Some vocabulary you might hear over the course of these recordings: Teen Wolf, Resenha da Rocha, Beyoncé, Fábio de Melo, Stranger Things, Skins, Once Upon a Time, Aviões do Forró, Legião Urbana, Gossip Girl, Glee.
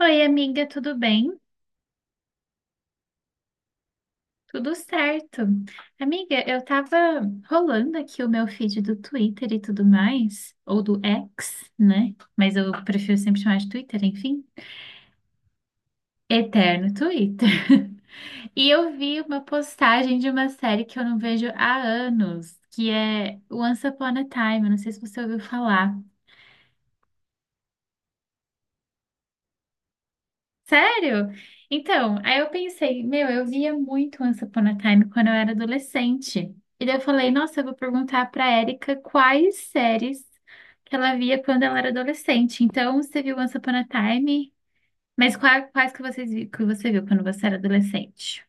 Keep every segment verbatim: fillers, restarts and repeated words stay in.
Oi, amiga, tudo bem? Tudo certo. Amiga, eu tava rolando aqui o meu feed do Twitter e tudo mais, ou do X, né? Mas eu prefiro sempre chamar de Twitter, enfim. Eterno Twitter. E eu vi uma postagem de uma série que eu não vejo há anos, que é Once Upon a Time, eu não sei se você ouviu falar. Sério? Então, aí eu pensei, meu, eu via muito Once Upon a Time quando eu era adolescente. E daí eu falei, nossa, eu vou perguntar pra Érica quais séries que ela via quando ela era adolescente. Então, você viu Once Upon a Time, mas qua- quais, que vocês vi- que você viu quando você era adolescente?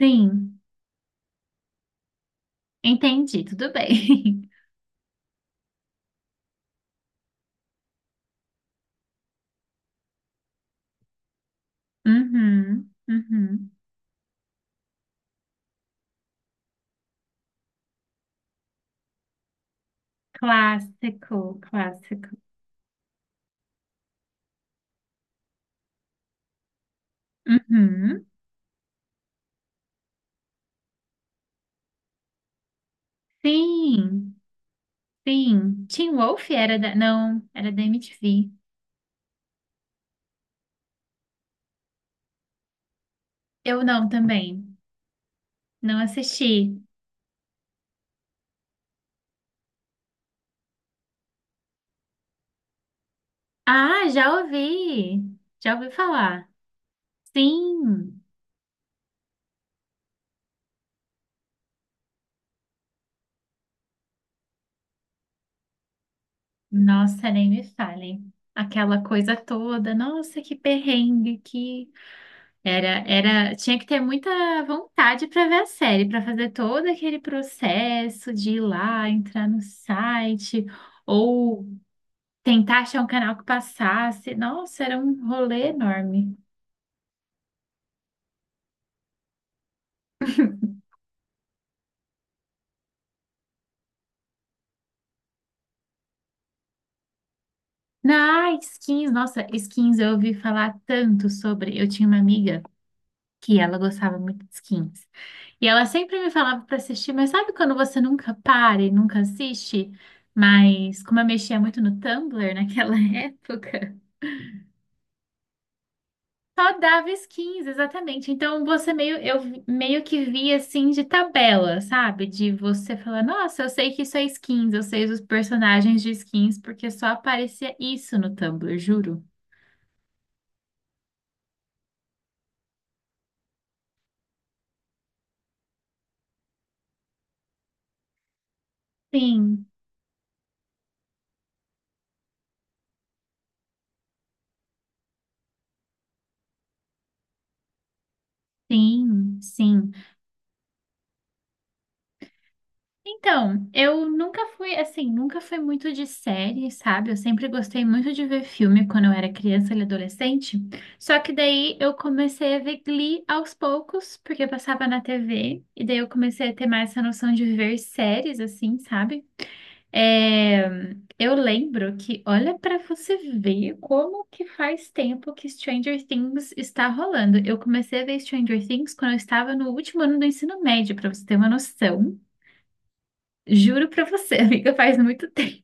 Sim, entendi, tudo bem. Uhum, uhum. Clássico, clássico. Uhum. Sim. Sim, Teen Wolf era da... Não, era da M T V. Eu não também. Não assisti. Ah, já ouvi. Já ouvi falar. Sim. Nossa, nem me fale. Aquela coisa toda. Nossa, que perrengue que era, era, tinha que ter muita vontade para ver a série, para fazer todo aquele processo de ir lá, entrar no site ou tentar achar um canal que passasse. Nossa, era um rolê enorme. Na skins, nossa, skins eu ouvi falar tanto sobre. Eu tinha uma amiga que ela gostava muito de skins. E ela sempre me falava para assistir, mas sabe quando você nunca para e nunca assiste? Mas como eu mexia muito no Tumblr naquela época, só dava skins, exatamente. Então você meio, eu vi- meio que via assim de tabela, sabe? De você falar, nossa, eu sei que isso é skins, eu sei os personagens de skins, porque só aparecia isso no Tumblr, juro. Sim. Sim, sim. Então, eu nunca fui, assim, nunca fui muito de série, sabe? Eu sempre gostei muito de ver filme quando eu era criança e adolescente. Só que daí eu comecei a ver Glee aos poucos, porque eu passava na T V, e daí eu comecei a ter mais essa noção de ver séries, assim, sabe? É, eu lembro que, olha para você ver como que faz tempo que Stranger Things está rolando. Eu comecei a ver Stranger Things quando eu estava no último ano do ensino médio, para você ter uma noção. Juro para você, amiga, faz muito tempo,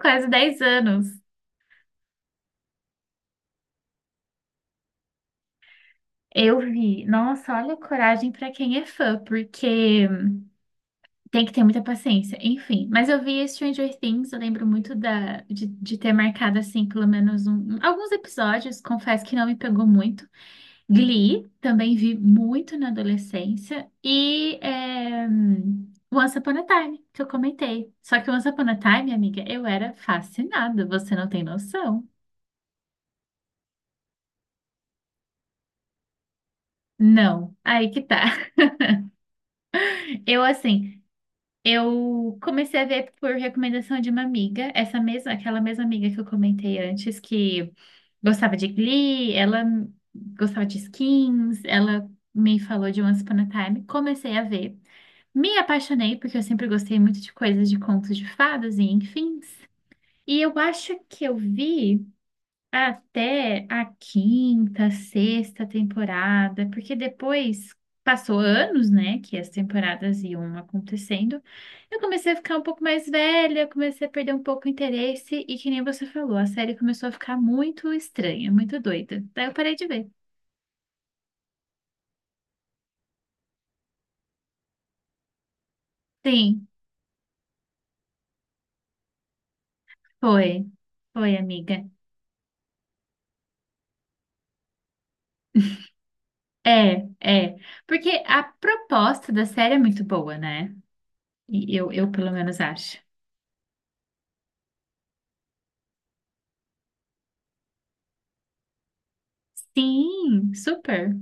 quase dez anos. Eu vi. Nossa, olha a coragem para quem é fã, porque tem que ter muita paciência. Enfim, mas eu vi Stranger Things, eu lembro muito da, de, de ter marcado assim, pelo menos um- alguns episódios. Confesso que não me pegou muito. Glee, também vi muito na adolescência. E é, Once Upon a Time, que eu comentei. Só que Once Upon a Time, amiga, eu era fascinada, você não tem noção. Não, aí que tá. Eu, assim, eu comecei a ver por recomendação de uma amiga, essa mesma, aquela mesma amiga que eu comentei antes, que gostava de Glee, ela gostava de Skins, ela me falou de Once Upon a Time, comecei a ver. Me apaixonei porque eu sempre gostei muito de coisas de contos de fadas e enfim. E eu acho que eu vi até a quinta, sexta temporada, porque depois passou anos, né, que as temporadas iam acontecendo. Eu comecei a ficar um pouco mais velha, comecei a perder um pouco o interesse e que nem você falou, a série começou a ficar muito estranha, muito doida. Daí eu parei de ver. Sim, foi. Foi, amiga. É, é. Porque a proposta da série é muito boa, né? E eu, eu pelo menos acho. Sim, super.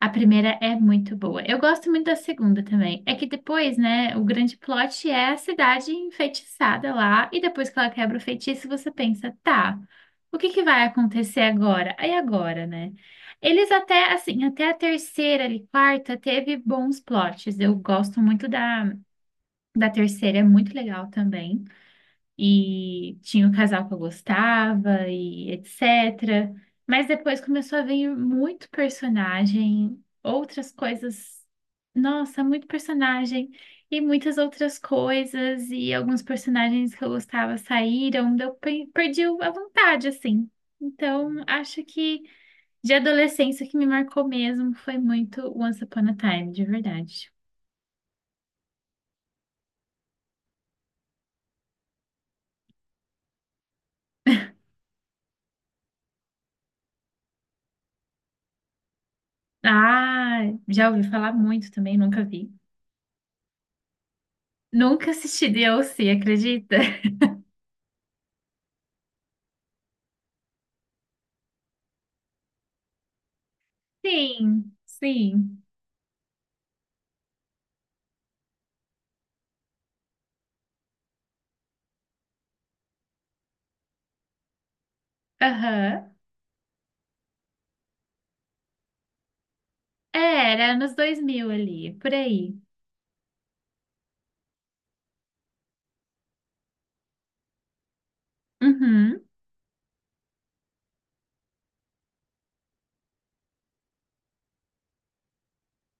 A primeira é muito boa. Eu gosto muito da segunda também. É que depois, né, o grande plot é a cidade enfeitiçada lá, e depois que ela quebra o feitiço, você pensa, tá, o que que vai acontecer agora? Aí agora, né? Eles até, assim, até a terceira ali, quarta, teve bons plots. Eu gosto muito da, da terceira, é muito legal também. E tinha o casal que eu gostava e etcétera. Mas depois começou a vir muito personagem, outras coisas. Nossa, muito personagem e muitas outras coisas e alguns personagens que eu gostava saíram, daí eu pe- perdi a vontade assim. Então, acho que de adolescência o que me marcou mesmo foi muito Once Upon a Time, de verdade. Ah, já ouvi falar muito também, nunca vi. Nunca assisti D L C, acredita? Sim, sim. Aham. É, era anos dois mil ali, por aí. Uhum.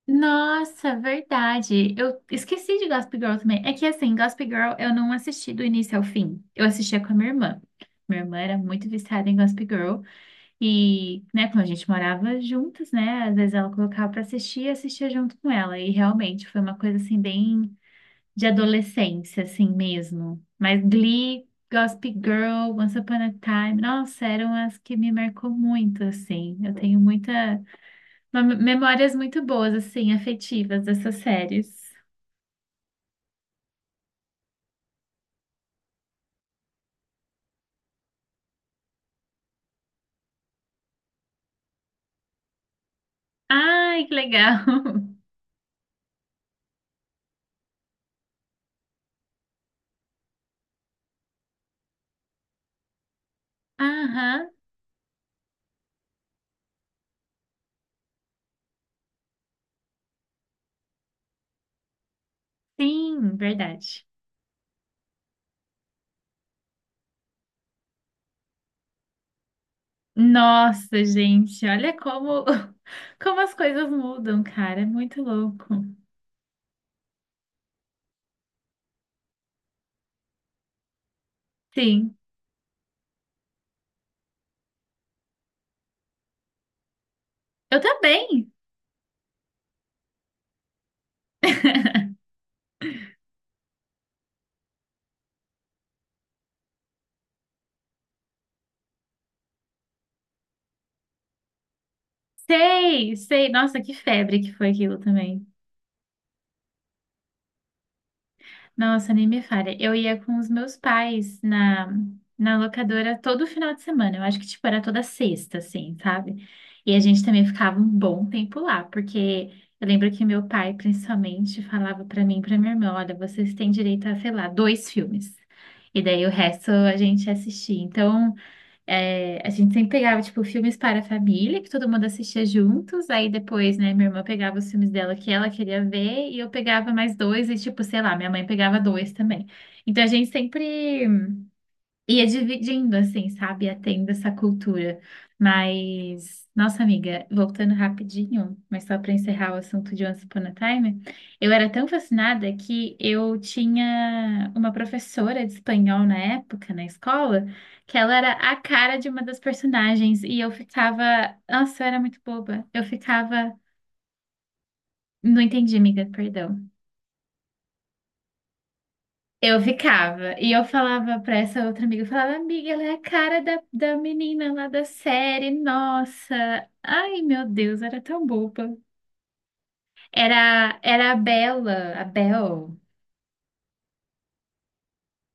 Nossa, verdade. Eu esqueci de Gossip Girl também. É que assim, Gossip Girl eu não assisti do início ao fim. Eu assistia com a minha irmã. Minha irmã era muito viciada em Gossip Girl e, né, quando a gente morava juntas, né, às vezes ela colocava pra assistir e assistia junto com ela. E realmente foi uma coisa assim bem de adolescência, assim mesmo. Mas Glee, Gossip Girl, Once Upon a Time, nossa, eram as que me marcou muito, assim. Eu tenho muita, uma- memórias muito boas, assim, afetivas dessas séries. Ai, que legal! Aham, sim, verdade. Nossa, gente, olha como, como as coisas mudam, cara, é muito louco. Sim, eu também. Sei, sei, nossa, que febre que foi aquilo também. Nossa, nem me falha. Eu ia com os meus pais na, na locadora todo final de semana. Eu acho que, tipo, era toda sexta, assim, sabe? E a gente também ficava um bom tempo lá, porque eu lembro que meu pai, principalmente, falava pra mim e pra minha irmã, olha, vocês têm direito a, sei lá, dois filmes. E daí o resto a gente assistia. Então, é, a gente sempre pegava, tipo, filmes para a família, que todo mundo assistia juntos. Aí depois, né, minha irmã pegava os filmes dela que ela queria ver, e eu pegava mais dois, e, tipo, sei lá, minha mãe pegava dois também. Então a gente sempre ia dividindo, assim, sabe? Ia tendo essa cultura. Mas, nossa amiga, voltando rapidinho, mas só para encerrar o assunto de Once Upon a Time, eu era tão fascinada que eu tinha uma professora de espanhol na época, na escola, que ela era a cara de uma das personagens e eu ficava, nossa, eu era muito boba. Eu ficava, não entendi, amiga, perdão. Eu ficava, e eu falava pra essa outra amiga, eu falava, amiga, ela é a cara da, da menina lá da série, nossa, ai meu Deus, era tão boba. Era, era a Bella, a Bel,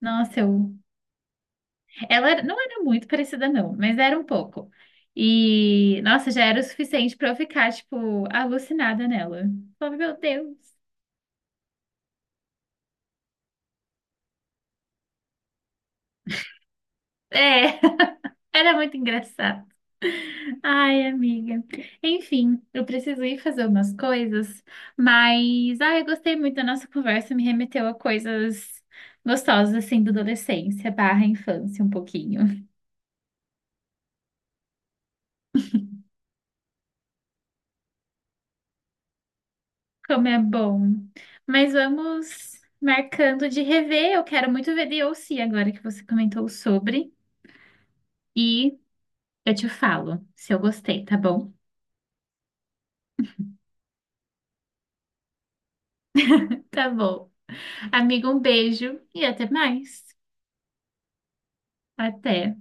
nossa, eu, ela era- não era muito parecida não, mas era um pouco. E, nossa, já era o suficiente pra eu ficar, tipo, alucinada nela. Falava, meu Deus. É, era muito engraçado. Ai, amiga. Enfim, eu preciso ir fazer umas coisas, mas ai, eu gostei muito da nossa conversa, me remeteu a coisas gostosas assim da adolescência barra infância um pouquinho. Como é bom. Mas vamos marcando de rever. Eu quero muito ver Beyoncé agora que você comentou sobre. E eu te falo se eu gostei, tá bom? Tá bom. Amiga, um beijo e até mais. Até.